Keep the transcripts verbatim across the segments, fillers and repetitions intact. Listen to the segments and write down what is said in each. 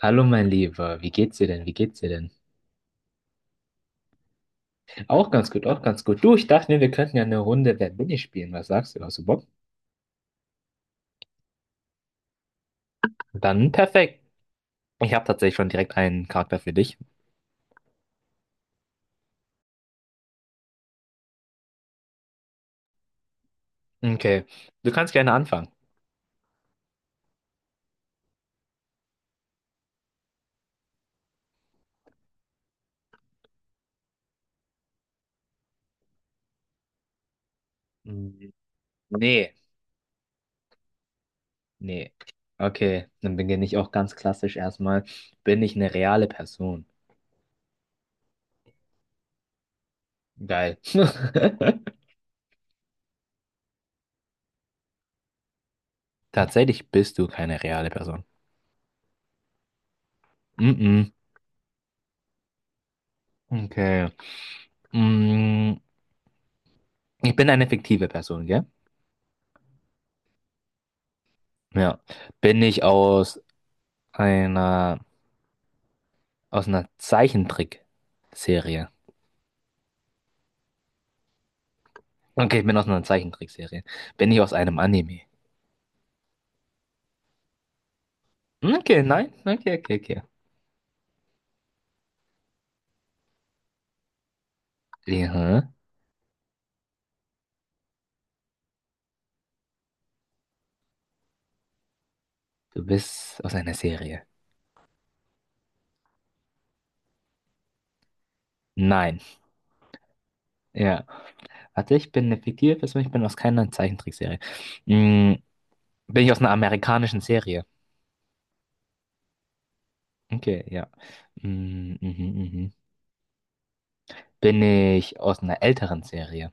Hallo mein Lieber, wie geht's dir denn? Wie geht's dir denn? Auch ganz gut, auch ganz gut. Du, ich dachte mir, wir könnten ja eine Runde Wer bin ich spielen. Was sagst du? Hast du Bock? Dann perfekt. Ich habe tatsächlich schon direkt einen Charakter für dich. Okay, du kannst gerne anfangen. Mm, Nee, nee. Okay, dann beginne ich auch ganz klassisch erstmal. Bin ich eine reale Person? Geil. Tatsächlich bist du keine reale Person. Mm-mm. Okay. Mm, ich bin eine fiktive Person, gell? Ja. Bin ich aus einer, aus einer Zeichentrickserie. Okay, ich bin aus einer Zeichentrickserie. Bin ich aus einem Anime? Hm, Okay, nein. Okay, okay, okay. Ja, du bist aus einer Serie. Nein. Ja. Warte, ich bin eine fiktive Person, ich bin aus keiner Zeichentrickserie. Mm, bin ich aus einer amerikanischen Serie? Okay, ja. Mm, mhm, mhm. Bin ich aus einer älteren Serie?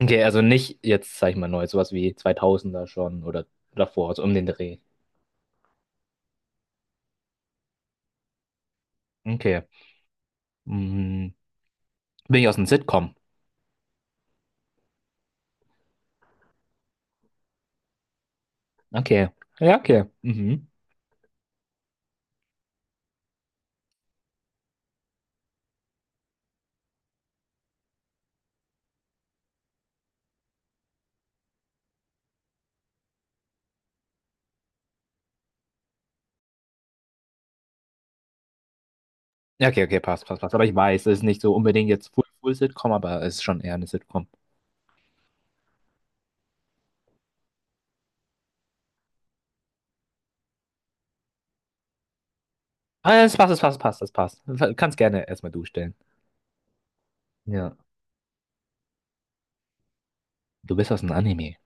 Okay, also nicht jetzt, sag ich mal, neu, sowas wie zweitausender schon oder davor, also um den Dreh. Okay. Mhm. Bin ich aus einem Sitcom? Okay. Ja, okay. Mhm. Ja, okay, okay, passt, passt, passt. Aber ich weiß, es ist nicht so unbedingt jetzt Full, Full Sitcom, aber es ist schon eher eine Sitcom. Ah, es passt, es passt, passt, es passt. Du kannst gerne erstmal du stellen. Ja. Du bist aus einem Anime.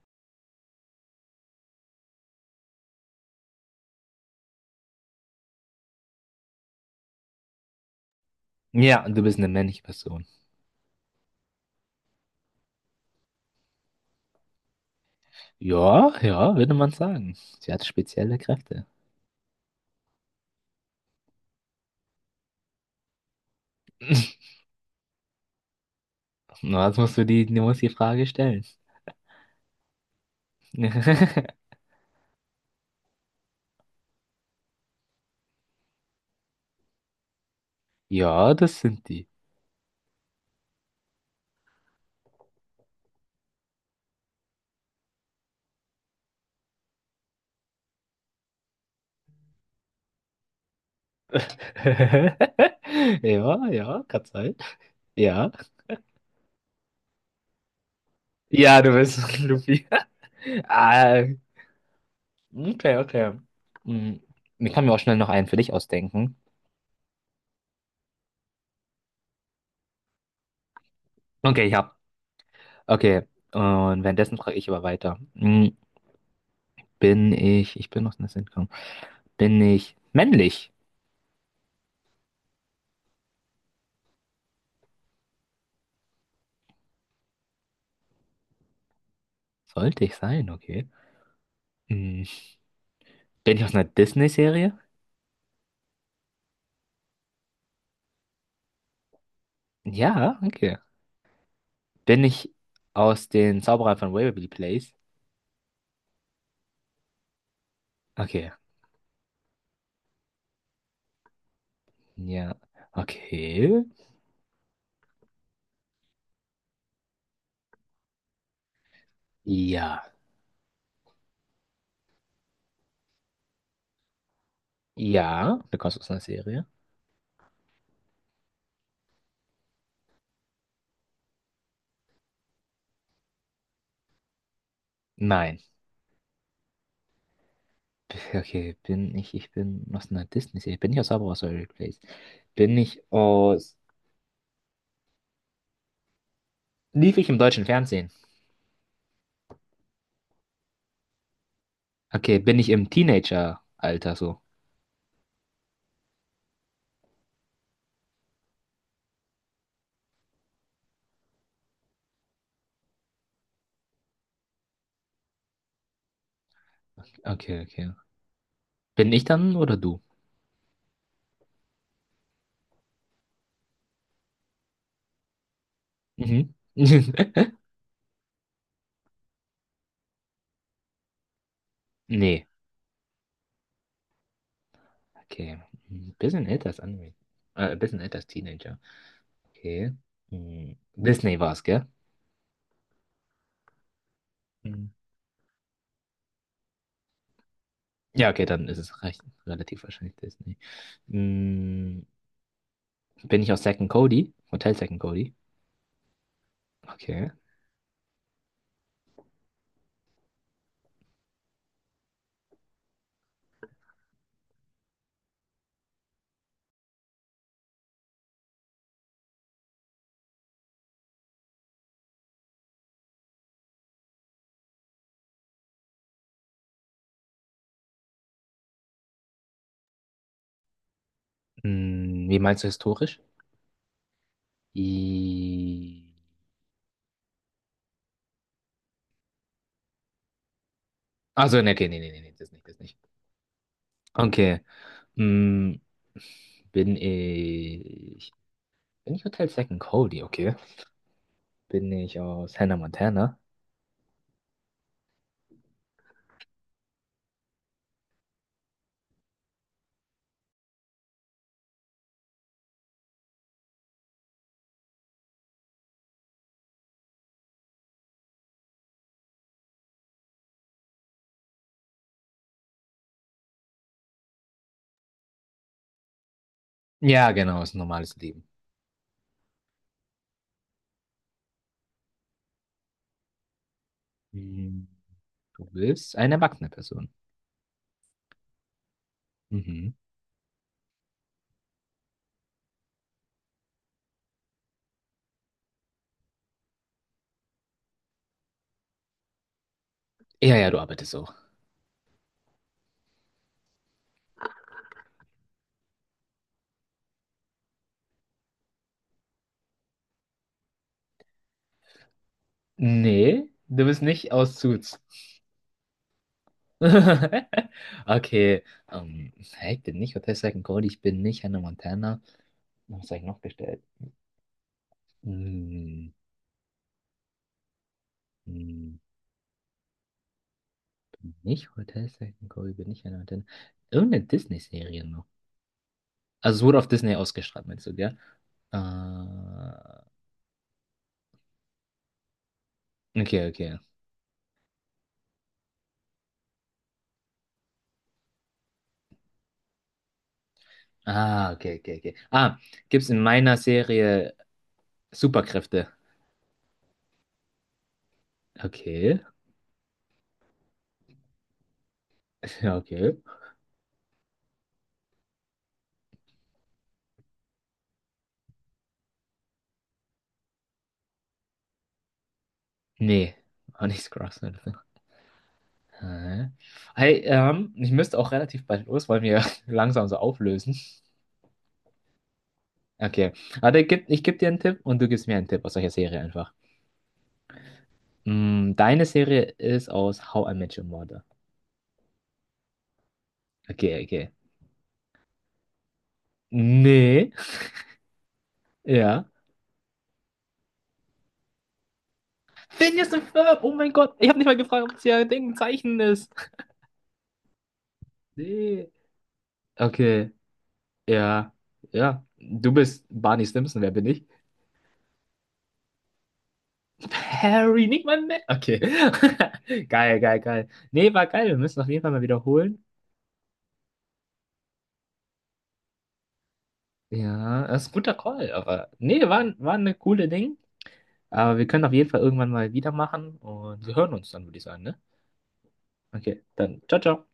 Ja, und du bist eine männliche Person. Ja, ja, würde man sagen. Sie hat spezielle Kräfte. Na, jetzt musst du die, du musst die Frage stellen. Ja, das sind die. Ja, ja, kann sein. Ja. Ja, du bist Luffy. Ah, okay, okay. Hm, ich kann mir auch schnell noch einen für dich ausdenken. Okay, ich hab. Okay, und währenddessen frage ich aber weiter. Hm, Bin ich, ich bin aus einer Sitcom. Bin ich männlich? Sollte ich sein, okay. Hm, Bin ich aus einer Disney-Serie? Ja, okay. Bin ich aus den Zauberern von Waverly Place? Okay, ja. Okay. Ja. Ja. Du kommst aus einer Serie? Nein. Okay, bin ich, ich bin aus einer Disney-Serie. Bin ich aus Zauberer aus Waverly Place? Bin ich aus. Lief ich im deutschen Fernsehen? Okay, bin ich im Teenager-Alter so? Okay, okay. Bin ich dann oder du? Mhm. Nee. Okay. Ein bisschen älter als Anime. Äh, ein bisschen älter als Teenager. Okay. Hm. Disney war es, gell? Mhm. Ja, okay, dann ist es recht, relativ wahrscheinlich Disney. Hm. Bin ich aus Zack and Cody? Hotel Zack and Cody? Okay. Hm, wie meinst du historisch? I... Also, nee, okay, nee, nee, nee, nee, das nicht, das nicht. Okay. Hm, bin ich. Bin ich Hotel Second Cody, okay? Bin ich aus Hannah Montana? Ja, genau, ist ein normales Leben. Hm, du bist eine erwachsene Person. Mhm. Ja, ja, du arbeitest auch. Nee, du bist nicht aus Suits. Okay, ähm, hey, ich bin nicht Hotel Second Cody, ich bin nicht Hannah Montana. Was habe ich noch gestellt? Hm, hm, bin nicht Hotel Second Kobe, bin ich ein Hotel. Irgendeine Disney-Serie noch. Also es wurde auf Disney ausgestrahlt, meinst du, gell? Äh, okay, okay. Ah, okay, okay, okay. Ah, gibt's in meiner Serie Superkräfte? Okay. Ja, okay. Nee, auch nicht Scrubs oder so. Hä? Hey, ähm, ich müsste auch relativ bald los, weil wir langsam so auflösen. Okay. Aber ich geb, ich geb dir einen Tipp und du gibst mir einen Tipp aus solcher Serie einfach. Mm, deine Serie ist aus How I Met Your Mother. Okay, okay. Nee. Ja. Phineas und Ferb, oh mein Gott. Ich habe nicht mal gefragt, ob es ja ein Ding, ein Zeichen ist. Nee. Okay. Ja. Ja. Du bist Barney Stinson, wer bin ich? Harry, nicht mein Mann. Okay. Geil, geil, geil. Nee, war geil. Wir müssen auf jeden Fall mal wiederholen. Ja, das ist ein guter Call, aber nee, war, ein- war eine coole Ding. Aber wir können auf jeden Fall irgendwann mal wieder machen und wir hören uns dann, würde ich sagen, ne? Okay, dann ciao, ciao.